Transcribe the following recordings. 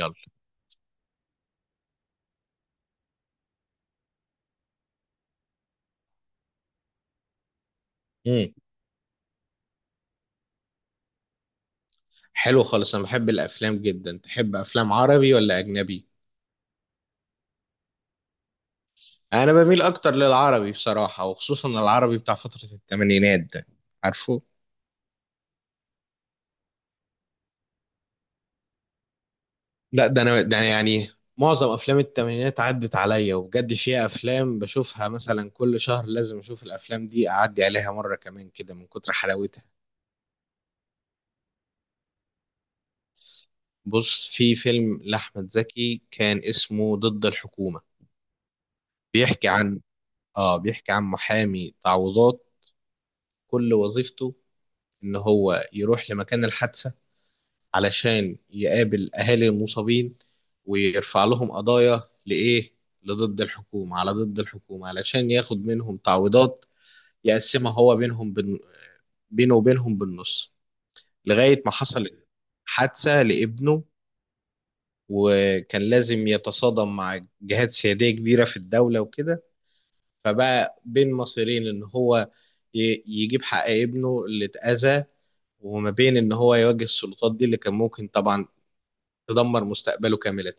يلا. امم حلو خالص، انا بحب الافلام جدا. تحب افلام عربي ولا اجنبي؟ انا بميل اكتر للعربي بصراحه، وخصوصا العربي بتاع فتره الثمانينات ده، عارفه؟ لا ده أنا يعني معظم افلام الثمانينات عدت عليا، وبجد فيها افلام بشوفها مثلا كل شهر، لازم اشوف الافلام دي اعدي عليها مره كمان كده من كتر حلاوتها. بص، في فيلم لاحمد زكي كان اسمه ضد الحكومه، بيحكي عن اه بيحكي عن محامي تعويضات، كل وظيفته ان هو يروح لمكان الحادثة علشان يقابل اهالي المصابين، ويرفع لهم قضايا لايه؟ لضد الحكومة على ضد الحكومة، علشان ياخد منهم تعويضات يقسمها هو بينهم بينه وبينهم بالنص. لغاية ما حصل حادثة لابنه، وكان لازم يتصادم مع جهات سيادية كبيرة في الدولة وكده، فبقى بين مصيرين، ان هو يجيب حق ابنه اللي اتأذى، وما بين ان هو يواجه السلطات دي اللي كان ممكن طبعا تدمر مستقبله كاملة.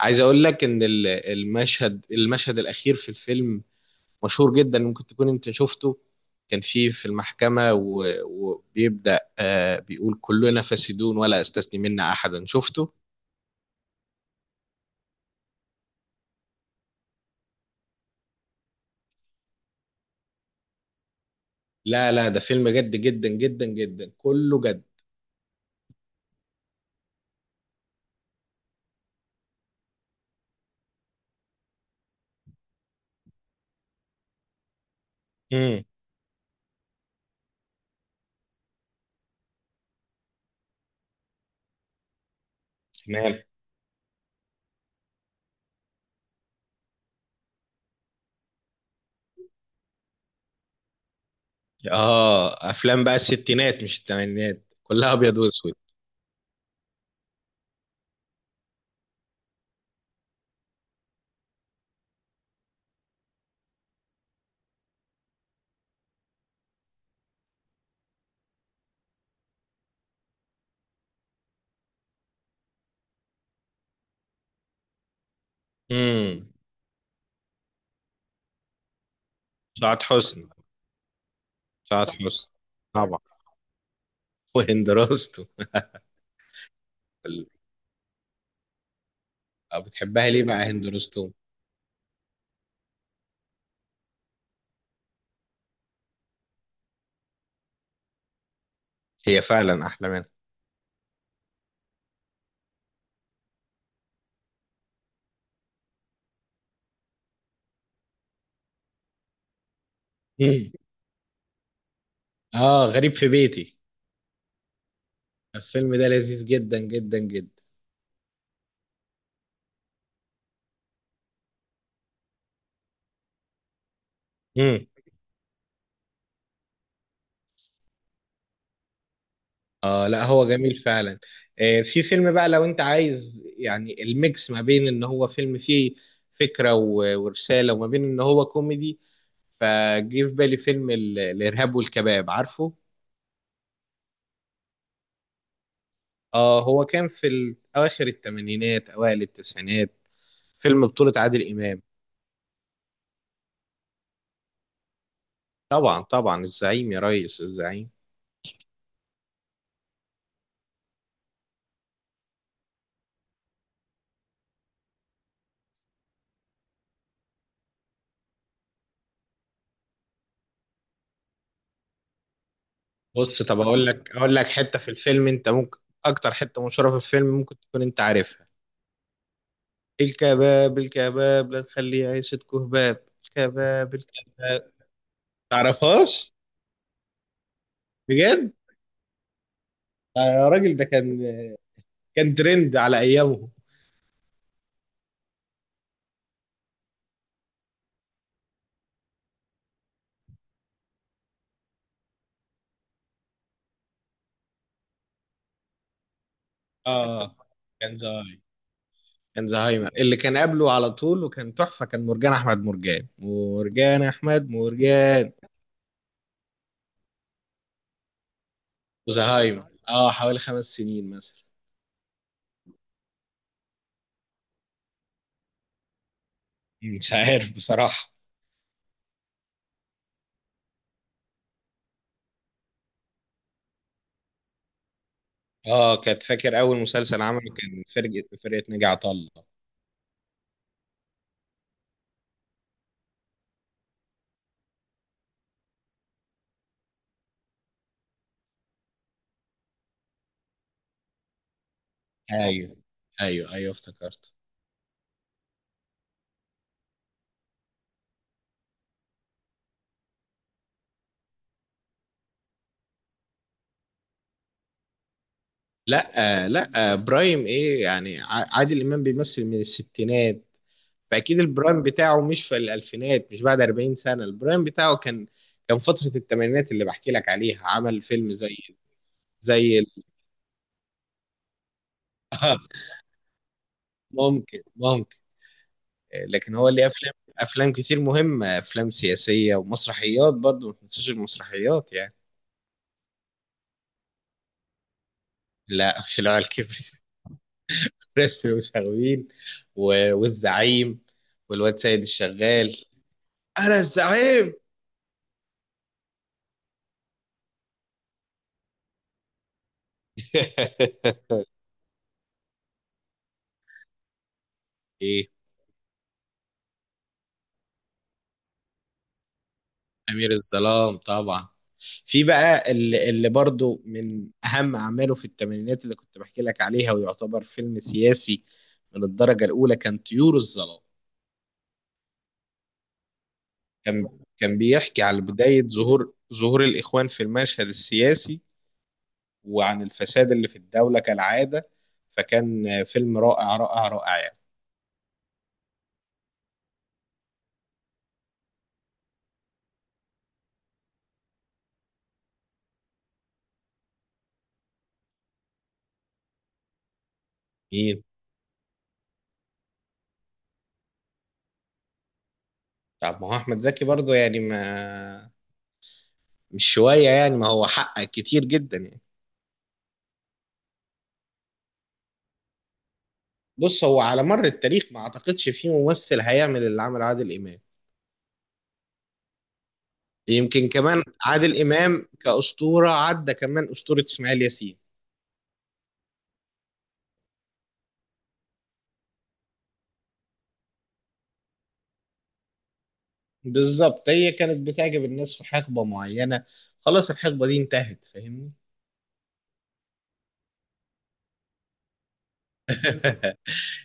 عايز اقول لك ان المشهد الاخير في الفيلم مشهور جدا، ممكن تكون انت شفته، كان فيه في المحكمة وبيبدأ بيقول كلنا فاسدون ولا استثني منا احدا، شفته؟ لا لا، ده فيلم جد جدا جدا جدا، كله جد. امم تمام. اه، افلام بقى الستينات مش الثمانينات، كلها ابيض واسود. امم سعاد حسني. سعاد حسني طبعا، وهند رستم. ال- بتحبها ليه بقى هند رستم؟ هي فعلا احلى منها. مم. اه، غريب في بيتي، الفيلم ده لذيذ جدا جدا جدا. امم اه لا، هو جميل فعلا. آه، في فيلم بقى لو انت عايز يعني الميكس ما بين ان هو فيلم فيه فكرة ورسالة، وما بين ان هو كوميدي، فجه في بالي فيلم الارهاب والكباب، عارفه؟ اه، هو كان في اواخر الثمانينات اوائل التسعينات، فيلم بطولة عادل امام. طبعا طبعا، الزعيم يا ريس، الزعيم. بص، طب اقول لك حته في الفيلم انت ممكن، اكتر حته مشهوره في الفيلم ممكن تكون انت عارفها: الكباب الكباب لا تخليه عيشة كهباب، الكباب الكباب. تعرفهاش؟ بجد. آه يا راجل، ده كان ترند على ايامه. اه كان زهايمر، كان زهايمر اللي كان قبله على طول، وكان تحفه، كان مرجان احمد مرجان. مرجان احمد مرجان وزهايمر، اه حوالي خمس سنين مثلا. مش عارف بصراحه. اه، كانت فاكر اول مسلسل عمله كان فرقه ناجي طلة. ايوه، ايوه ايوه افتكرت. لا آه، لا آه، برايم ايه يعني؟ عادل امام بيمثل من الستينات، فاكيد البرايم بتاعه مش في الالفينات، مش بعد 40 سنه. البرايم بتاعه كان فتره الثمانينات اللي بحكي لك عليها، عمل فيلم زي زي ال- ممكن ممكن. آه، لكن هو ليه افلام كتير مهمه، افلام سياسيه، ومسرحيات برضه، ما تنساش المسرحيات يعني. لا، مش العيال كبرت، فريسلي وشغوين والزعيم، والواد سيد الشغال، انا الزعيم. ايه؟ امير الظلام طبعا. في بقى اللي برضو من اهم اعماله في الثمانينات اللي كنت بحكي لك عليها، ويعتبر فيلم سياسي من الدرجه الاولى، كان طيور الظلام. كان كان بيحكي على بدايه ظهور الاخوان في المشهد السياسي، وعن الفساد اللي في الدوله كالعاده، فكان فيلم رائع رائع رائع. يعني، طب ما هو احمد زكي برضه يعني، ما مش شويه يعني، ما هو حقق كتير جدا يعني. بص، هو على مر التاريخ ما اعتقدش في ممثل هيعمل اللي عمل عادل امام. يمكن كمان عادل امام كاسطوره عدى كمان اسطوره اسماعيل ياسين. بالظبط، هي كانت بتعجب الناس في حقبه معينه، خلاص الحقبه دي انتهت، فاهمني؟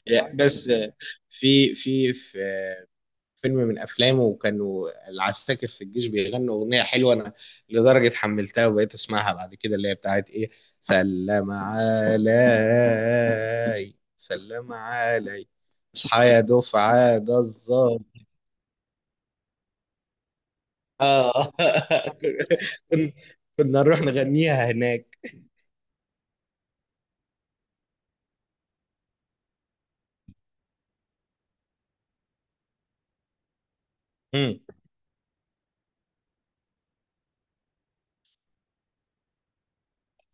ده بس حقيقي، في فيلم من افلامه، وكانوا العساكر في الجيش بيغنوا اغنيه حلوه. انا لدرجه حملتها وبقيت اسمعها بعد كده، اللي هي بتاعت ايه؟ سلم علي سلم علي، اصحى يا دفعه ده الظابط. اه كن- كنا نروح نغنيها هناك. مم.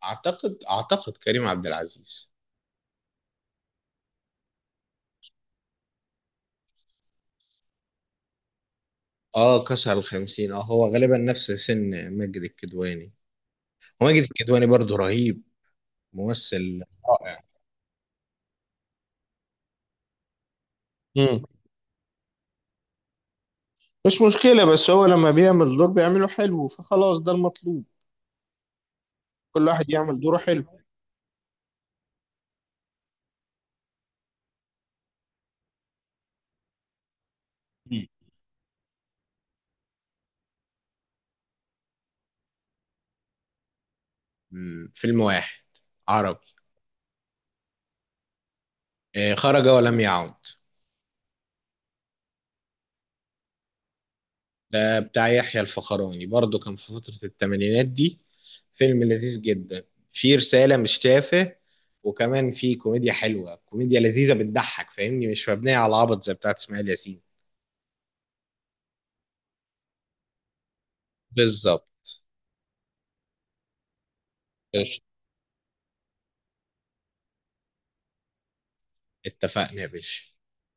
اعتقد كريم عبد العزيز. اه كسر الخمسين، اه هو غالبا نفس سن ماجد الكدواني، وماجد الكدواني برضه رهيب، ممثل رائع. مش مشكلة، بس هو لما بيعمل دور بيعمله حلو، فخلاص ده المطلوب. كل واحد يعمل دوره حلو. مم. مم. فيلم واحد عربي، خرج ولم يعد. ده بتاع يحيى الفخراني، برضو كان في فترة الثمانينات دي، فيلم لذيذ جدا، فيه رسالة مش تافه، وكمان فيه كوميديا حلوة، كوميديا لذيذة بتضحك، فاهمني؟ مش مبنية على العبط زي بتاعت اسماعيل ياسين. بالظبط. قشطة. اتفقنا يا باشا.